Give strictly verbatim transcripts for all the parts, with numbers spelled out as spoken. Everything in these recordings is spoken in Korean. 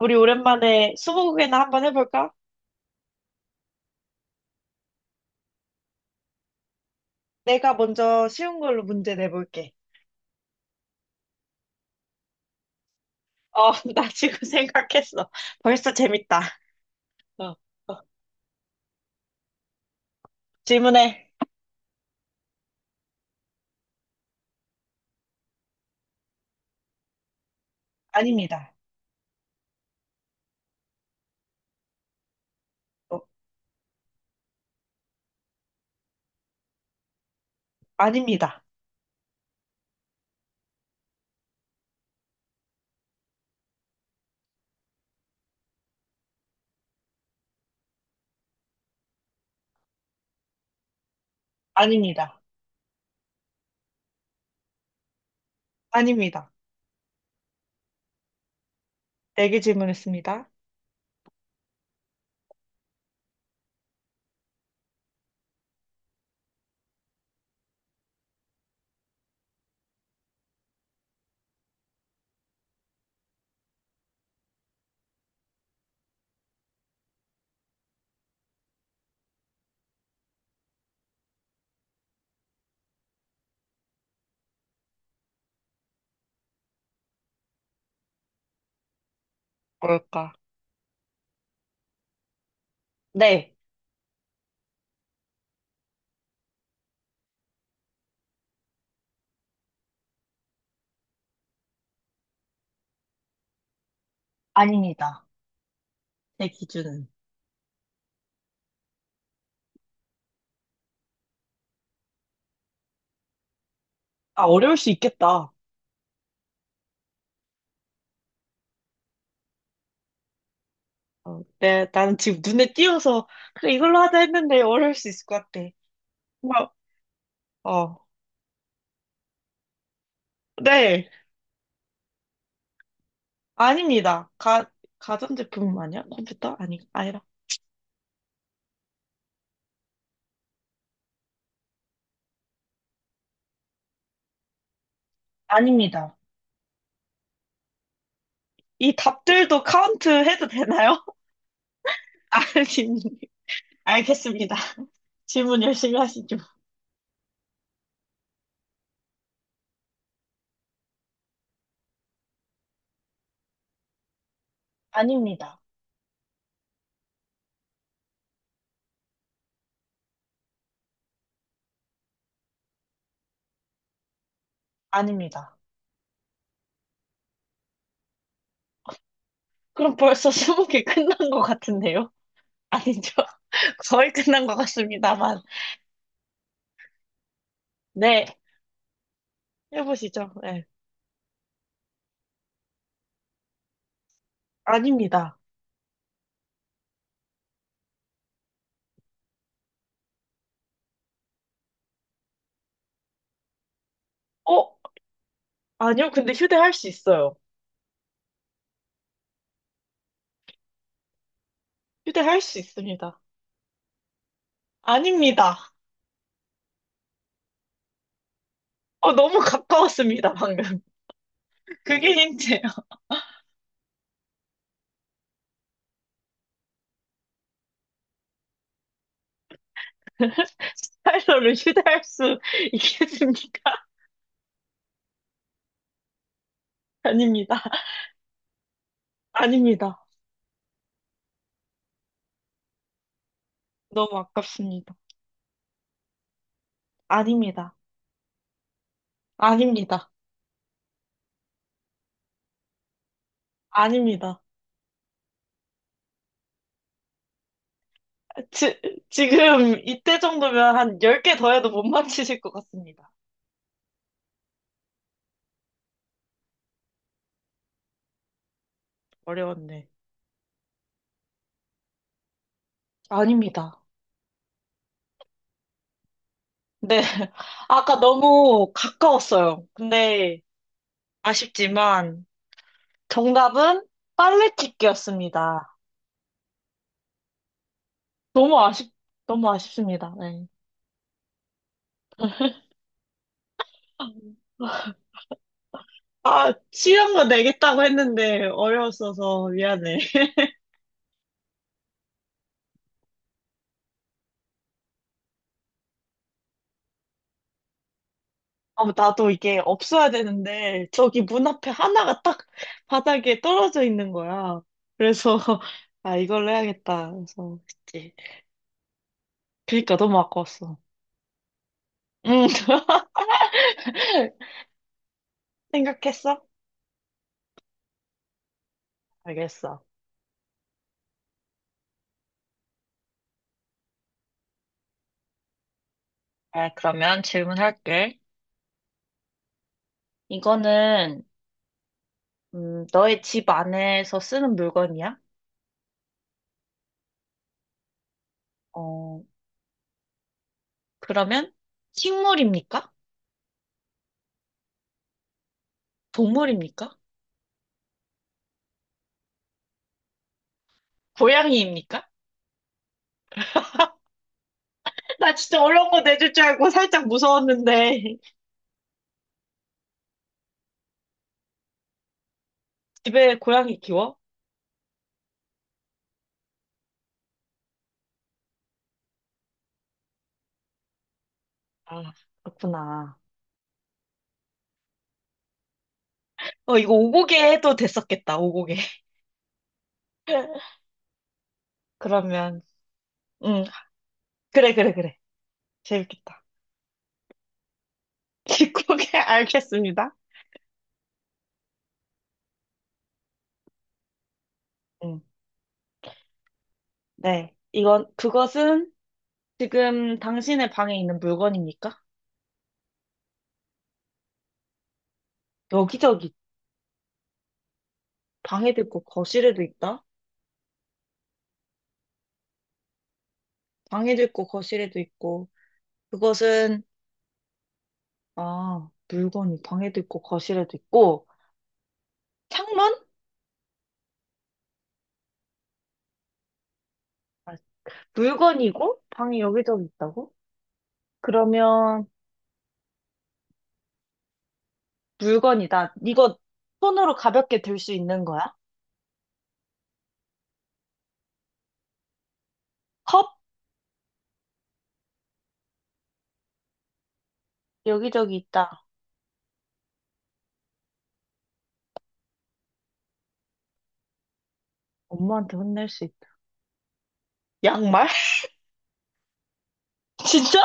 우리 오랜만에 스무고개나 한번 해볼까? 내가 먼저 쉬운 걸로 문제 내볼게. 어, 나 지금 생각했어. 벌써 재밌다. 어, 어. 질문해. 아닙니다. 어, 아닙니다. 아닙니다. 아닙니다. 네 개 질문했습니다. 뭘까? 네. 아닙니다. 제 기준은. 아, 어려울 수 있겠다. 어, 내, 나는 지금 눈에 띄어서, 그래, 이걸로 하자 했는데 어려울 수 있을 것 같아. 뭐, 어, 네. 아닙니다. 가, 가전제품 아니야? 컴퓨터? 아니, 아니라. 아닙니다. 이 답들도 카운트 해도 되나요? 아닙니다. 알겠습니다. 질문 열심히 하시죠. 아닙니다. 아닙니다. 그럼 벌써 스무 개 끝난 것 같은데요? 아니죠? 거의 끝난 것 같습니다만. 네. 해보시죠. 네. 아닙니다. 어? 아니요, 근데 휴대할 수 있어요. 휴대할 수 있습니다. 아닙니다. 어, 너무 가까웠습니다, 방금. 그게 힌트예요. 스타일러를 휴대할 수 있겠습니까? 아닙니다. 아닙니다. 너무 아깝습니다. 아닙니다. 아닙니다. 아닙니다. 지, 지금 이때 정도면 한 열 개 더 해도 못 맞히실 것 같습니다. 어려웠네. 아닙니다. 네. 아까 너무 가까웠어요. 근데 아쉽지만 정답은 빨래 찢기였습니다. 너무 아쉽, 너무 아쉽습니다. 네. 아, 쉬운 거 내겠다고 했는데 어려웠어서 미안해. 아, 나도 이게 없어야 되는데 저기 문 앞에 하나가 딱 바닥에 떨어져 있는 거야. 그래서 아, 이걸로 해야겠다. 그래서 했지. 그러니까 너무 아까웠어. 응. 생각했어? 알겠어. 아, 그러면 질문할게. 이거는 음, 너의 집 안에서 쓰는 물건이야? 어, 그러면 식물입니까? 동물입니까? 고양이입니까? 나 진짜 어려운 거 내줄 줄 알고 살짝 무서웠는데. 집에 고양이 키워? 아, 그렇구나. 어, 이거 오고개 해도 됐었겠다, 오고개. 그러면, 응, 그래, 그래, 그래. 재밌겠다. 집고개 알겠습니다. 응, 네. 이건, 그것은 지금 당신의 방에 있는 물건입니까? 여기저기 방에도 있고 거실에도 있다? 방에도 있고 거실에도 있고 그것은 아, 물건이 방에도 있고 거실에도 있고 창문, 물건이고 방이 여기저기 있다고? 그러면 물건이다. 이거 손으로 가볍게 들 수 있는 거야? 컵. 여기저기 있다. 엄마한테 혼낼 수 있다. 양말? 진짜?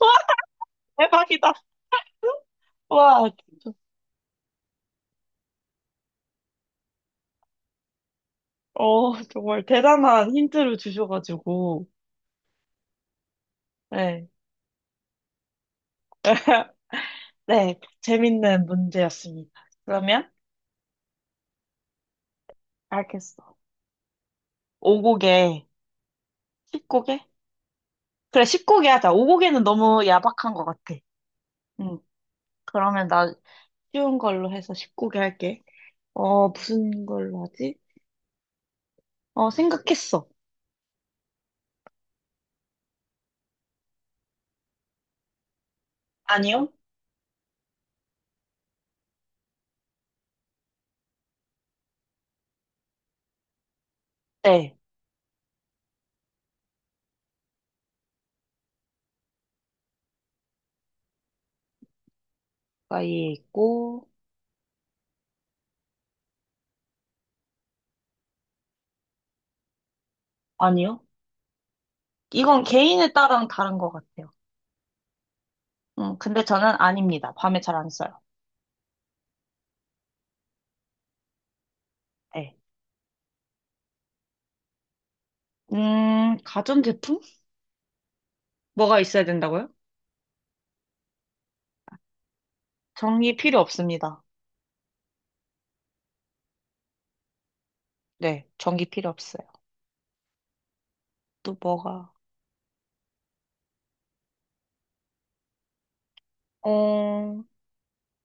와, 대박이다. 와, 진짜. 어 정말 대단한 힌트를 주셔가지고. 네. 네, 재밌는 문제였습니다. 그러면 알겠어. 오곡에, 십 곡에? 그래, 십 곡에 하자. 오곡에는 너무 야박한 것 같아. 응. 그러면 나 쉬운 걸로 해서 십 곡에 할게. 어, 무슨 걸로 하지? 어, 생각했어. 아니요? 네. 가이에 있고, 아니요. 이건 개인에 따라 다른 것 같아요. 음, 근데 저는 아닙니다. 밤에 잘 안 써요. 네. 음, 가전제품? 뭐가 있어야 된다고요? 전기 필요 없습니다. 네, 전기 필요 없어요. 또 뭐가? 어,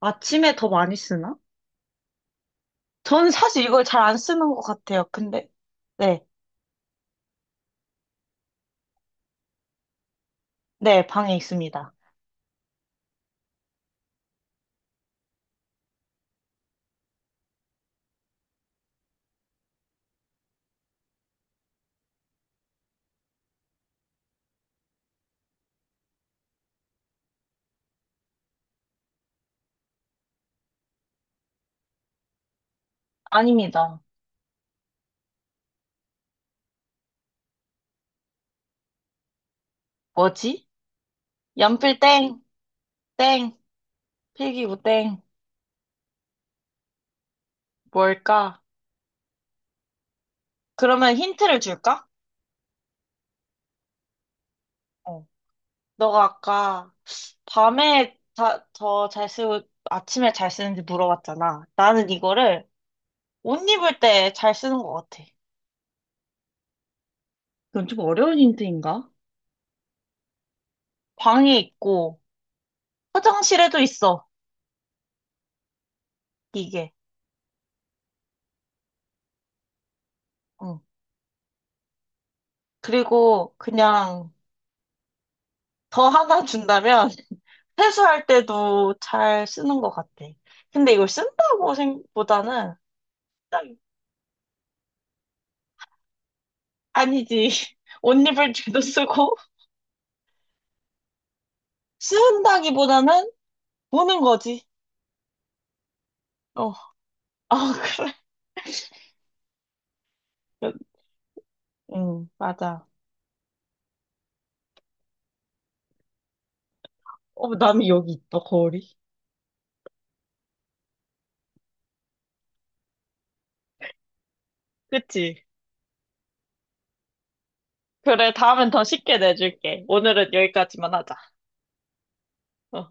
아침에 더 많이 쓰나? 저는 사실 이걸 잘 안 쓰는 것 같아요. 근데, 네, 네, 방에 있습니다. 아닙니다. 뭐지? 연필 땡, 땡, 필기구 땡, 뭘까? 그러면 힌트를 줄까? 어. 너가 아까 밤에 더 잘 쓰고 아침에 잘 쓰는지 물어봤잖아. 나는 이거를 옷 입을 때 잘 쓰는 것 같아. 이건 좀 어려운 힌트인가? 방에 있고, 화장실에도 있어, 이게. 응. 그리고 그냥 더 하나 준다면, 세수할 때도 잘 쓰는 것 같아. 근데 이걸 쓴다고 생각보다는 딱 아니지. 옷 입을 때도 쓰고 쓴다기보다는 보는 거지. 어, 아, 그래. 응, 맞아. 어, 남이 여기 있다, 거울이. 그치? 그래, 다음엔 더 쉽게 내줄게. 오늘은 여기까지만 하자. 어.